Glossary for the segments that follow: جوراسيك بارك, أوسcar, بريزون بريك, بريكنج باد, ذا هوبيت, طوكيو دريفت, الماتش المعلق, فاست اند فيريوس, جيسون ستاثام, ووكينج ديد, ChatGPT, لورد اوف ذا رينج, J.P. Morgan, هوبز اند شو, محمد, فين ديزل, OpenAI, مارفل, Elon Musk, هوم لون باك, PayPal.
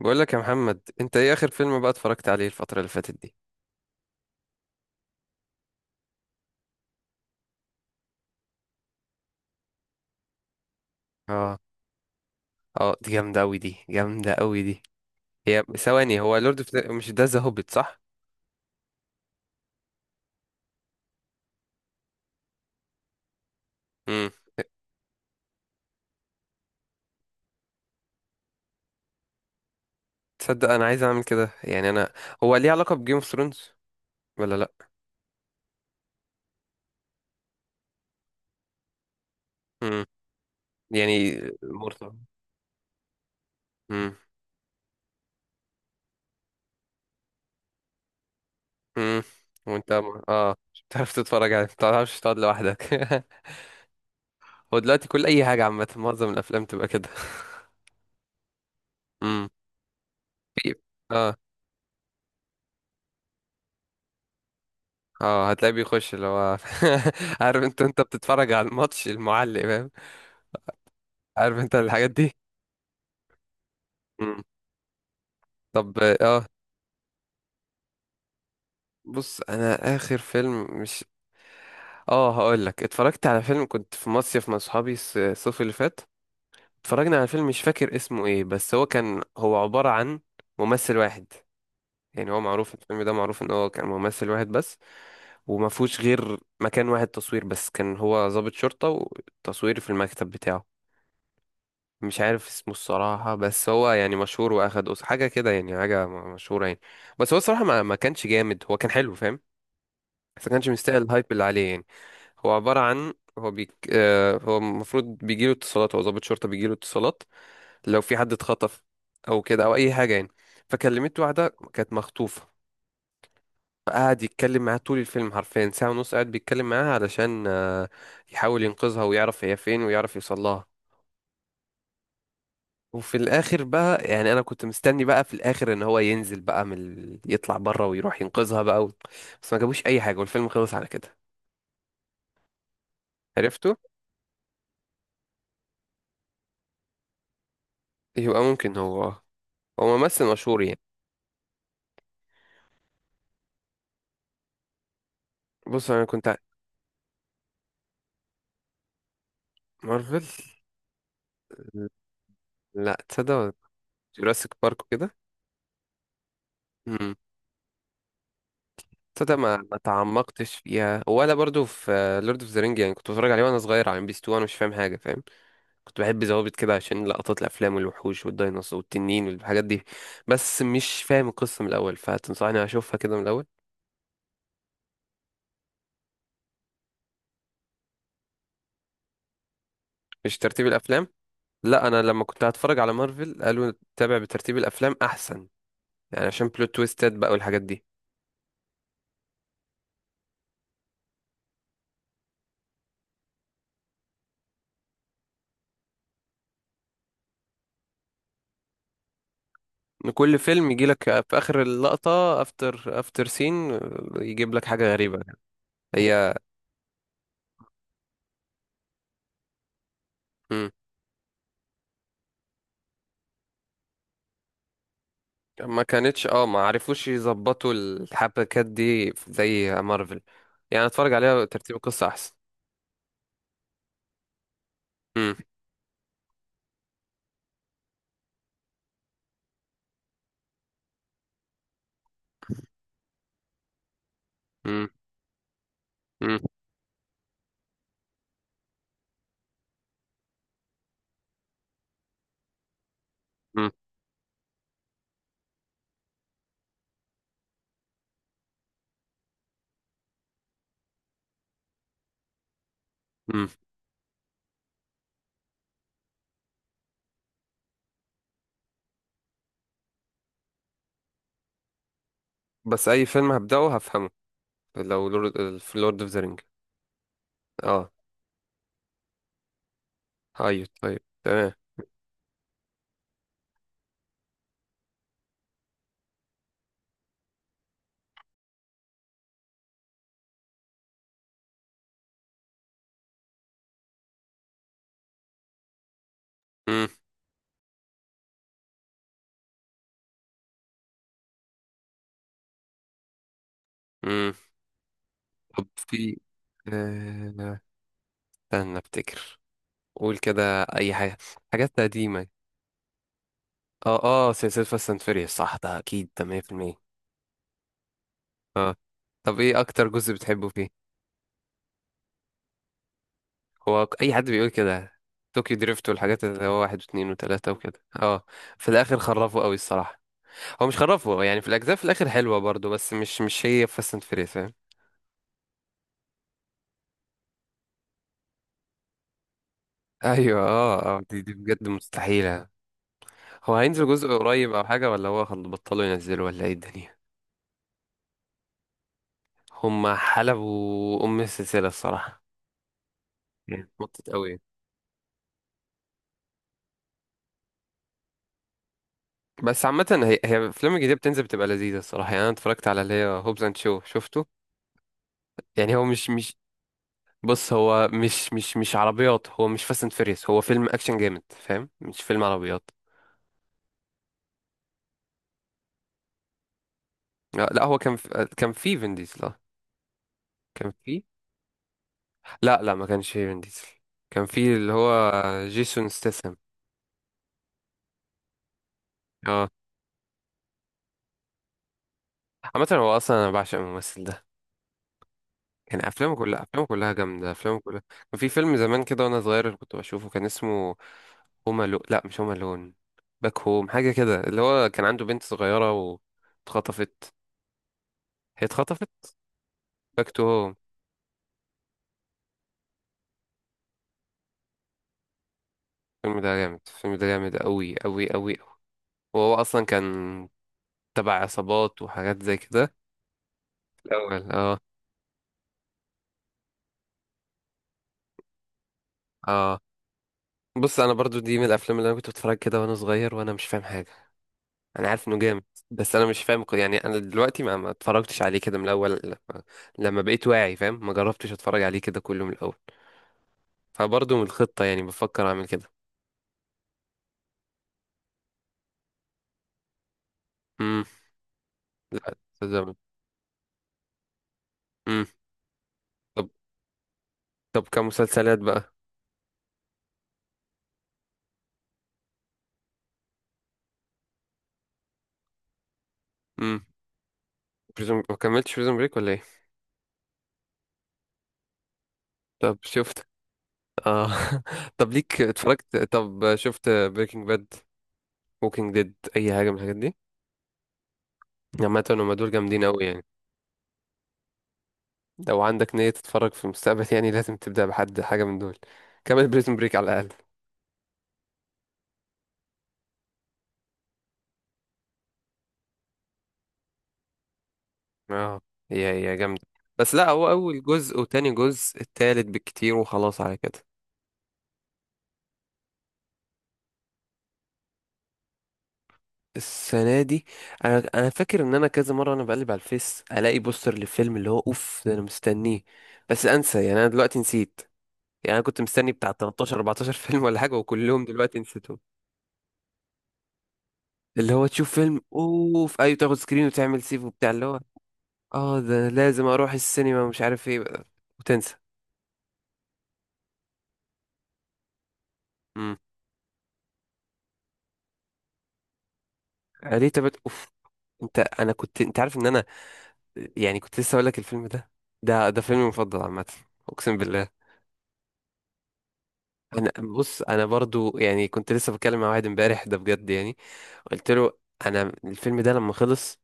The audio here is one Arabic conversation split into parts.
بقول لك يا محمد، انت ايه اخر فيلم بقى اتفرجت عليه الفترة اللي فاتت دي؟ اه، اه، دي جامدة قوي، دي جامدة قوي دي. هي، ثواني، هو لورد اوف، مش ده، ذا هوبيت، صح؟ امم. تصدق انا عايز اعمل كده، يعني انا. هو ليه علاقة بجيم اوف ثرونز ولا لا؟ امم. يعني مرتبط. امم. امم. وانت مش بتعرف تتفرج عليه، ما بتعرفش تقعد لوحدك. هو دلوقتي كل اي حاجة، عامة معظم الافلام تبقى كده. امم. في- اه اه هتلاقيه بيخش اللي هو. عارف، انت بتتفرج على الماتش المعلق، فاهم؟ عارف انت الحاجات دي. مم. طب، بص انا اخر فيلم مش... اه هقول لك، اتفرجت على فيلم، كنت في مصيف مع صحابي الصيف اللي فات. اتفرجنا على فيلم مش فاكر اسمه ايه، بس هو كان، هو عبارة عن ممثل واحد. يعني هو معروف، الفيلم ده معروف ان هو كان ممثل واحد بس، وما فيهوش غير مكان واحد تصوير بس. كان هو ضابط شرطة والتصوير في المكتب بتاعه. مش عارف اسمه الصراحة، بس هو يعني مشهور، واخد أوسcar حاجة كده، يعني حاجة مشهورة يعني. بس هو الصراحة ما كانش جامد، هو كان حلو فاهم، بس ما كانش مستاهل الهايب اللي عليه يعني. هو عبارة عن، هو بيك هو المفروض بيجيله اتصالات، هو ضابط شرطة بيجيله اتصالات لو في حد اتخطف أو كده أو أي حاجة يعني. فكلمت واحدة كانت مخطوفة، فقعد يتكلم معاها طول الفيلم، حرفيا ساعة ونص قاعد بيتكلم معاها علشان يحاول ينقذها ويعرف هي فين ويعرف يوصلها. وفي الاخر بقى، يعني انا كنت مستني بقى في الاخر ان هو ينزل بقى من ال يطلع بره ويروح ينقذها بقى و بس ما جابوش اي حاجه، والفيلم خلص على كده. عرفته. يبقى ممكن هو ممثل مشهور يعني. بص انا كنت مارفل؟ لا، تصدق، جوراسيك بارك وكده. امم. تصدق ما تعمقتش فيها، ولا برضو في لورد اوف ذا رينج. يعني كنت بتفرج عليه وانا صغير على ام بي 2 وانا مش فاهم حاجه فاهم. كنت بحب زوابط كده عشان لقطات الافلام والوحوش والديناصور والتنين والحاجات دي. بس مش فاهم القصه من الاول، فتنصحني اشوفها كده من الاول؟ مش ترتيب الافلام. لا، انا لما كنت هتفرج على مارفل قالوا تابع بترتيب الافلام احسن، يعني عشان بلوت تويستات بقى والحاجات دي. إن كل فيلم يجي لك في اخر اللقطه افتر افتر سين، يجيب لك حاجه غريبه. هي. مم. ما كانتش، ما عرفوش يظبطوا الحبكات دي زي مارفل. يعني اتفرج عليها ترتيب القصه احسن. مم. مم. مم. مم. مم. بس اي فيلم هبدأه هفهمه، لو لورد، في لورد اوف ذا رينج. اه، ايوه، طيب تمام. مم. مم. طب في آه، استنى افتكر. قول كده اي حاجه، حاجات قديمه. اه، اه، سلسله فاست اند فيريوس، صح؟ ده اكيد ده 100%. اه. طب ايه اكتر جزء بتحبه فيه؟ هو اي حد بيقول كده. طوكيو دريفت والحاجات اللي هو واحد واثنين وثلاثة وكده، اه. في الاخر خرفوا قوي الصراحة. هو مش خرفوا يعني، في الاجزاء في الاخر حلوة برضو، بس مش هي فاست اند فيريوس. ايوه، اه، اه، دي، بجد مستحيلة. هو هينزل جزء قريب او حاجة، ولا هو بطلوا ينزلوا ولا ايه الدنيا؟ هما حلبوا ام السلسلة الصراحة، يعني مطت قوي. بس عامة، هي، الافلام الجديدة بتنزل بتبقى لذيذة الصراحة، يعني انا اتفرجت على اللي هي هوبز اند شو شفته. يعني هو مش. بص هو مش عربيات. هو مش فاست اند فيريس، هو فيلم اكشن جامد فاهم، مش فيلم عربيات. لا، لا، هو كان في كان في فين ديزل آه. كان في. لا، لا، ما كانش فيه فين ديزل. كان في اللي هو جيسون ستاثام. اه. عامة هو اصلا انا بعشق الممثل ده، يعني افلامه كلها، افلامه كلها جامدة، افلامه كلها. كان في فيلم زمان كده وانا صغير اللي كنت بشوفه، كان اسمه هوم لو لا، مش هوم لون، باك هوم، حاجة كده. اللي هو كان عنده بنت صغيرة واتخطفت. هي اتخطفت. باك تو هوم. الفيلم ده جامد، الفيلم ده جامد قوي قوي قوي. وهو اصلا كان تبع عصابات وحاجات زي كده في الاول. اه. اه، بص انا برضو دي من الافلام اللي انا كنت بتفرج كده وانا صغير وانا مش فاهم حاجة. انا عارف انه جامد، بس انا مش فاهم يعني. انا دلوقتي ما اتفرجتش عليه كده من الاول، لما بقيت واعي فاهم، ما جربتش اتفرج عليه كده كله من الاول. فبرضه من الخطة، يعني بفكر اعمل كده. امم. لا، تزمن. امم. طب، كمسلسلات بقى. امم. بريزون، ما كملتش بريزون بريك ولا ايه؟ طب شفت. اه. طب ليك اتفرجت، طب شفت بريكنج باد ووكينج ديد اي حاجة من الحاجات دي؟ عامة هما دول جامدين قوي يعني. لو عندك نية تتفرج في المستقبل، يعني لازم تبدأ بحد حاجة من دول. كمل بريزون بريك على الأقل. اه، هي جامدة. بس لا، هو أول جزء وتاني جزء التالت بالكتير وخلاص على كده. السنة دي، أنا فاكر إن أنا كذا مرة أنا بقلب على الفيس ألاقي بوستر للفيلم اللي هو أوف ده، أنا مستنيه، بس أنسى. يعني أنا دلوقتي نسيت. يعني أنا كنت مستني بتاع 13 14 فيلم ولا حاجة، وكلهم دلوقتي نسيتهم. اللي هو تشوف فيلم أوف أيوة، تاخد سكرين وتعمل سيف وبتاع اللي هو، أه ده لازم أروح السينما ومش عارف إيه، وتنسى. امم. ليه تبت أوف. أنت عارف إن أنا، يعني كنت لسه اقول لك الفيلم ده. ده فيلمي المفضل عامه. اقسم بالله. انا، بص انا برضو، يعني كنت لسه بتكلم مع واحد امبارح ده بجد يعني. قلت له، انا الفيلم ده لما خلص،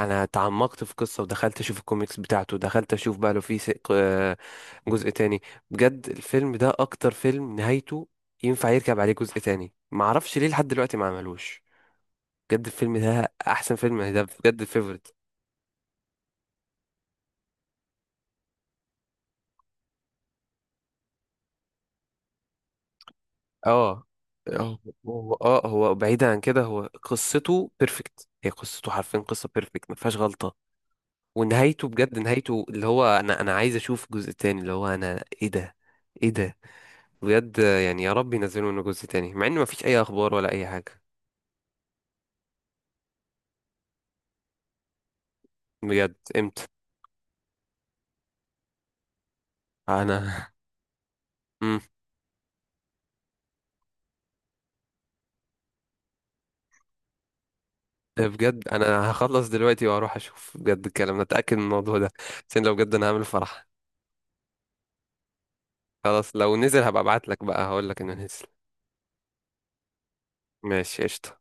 انا تعمقت في القصه، ودخلت اشوف الكوميكس بتاعته. دخلت اشوف بقى لو في جزء تاني. بجد الفيلم ده اكتر فيلم نهايته ينفع يركب عليه جزء تاني، معرفش ليه لحد دلوقتي ما عملوش. بجد الفيلم ده احسن فيلم، ده بجد favorite. اه. هو هو بعيدا عن كده، هو قصته بيرفكت. هي قصته حرفيا قصة بيرفكت، ما فيهاش غلطة. ونهايته بجد، نهايته اللي هو انا، عايز اشوف جزء تاني. اللي هو انا، ايه ده، ايه ده! بجد يعني يا رب ينزلوا منه جزء تاني، مع ان ما فيش اي اخبار ولا اي حاجة. بجد امتى؟ انا. امم. ده بجد، انا هخلص دلوقتي واروح اشوف بجد الكلام ده، اتاكد من الموضوع ده، عشان لو بجد انا هعمل فرح. خلاص لو نزل هبقى ابعت لك بقى هقول لك انه نزل. ماشي، قشطة.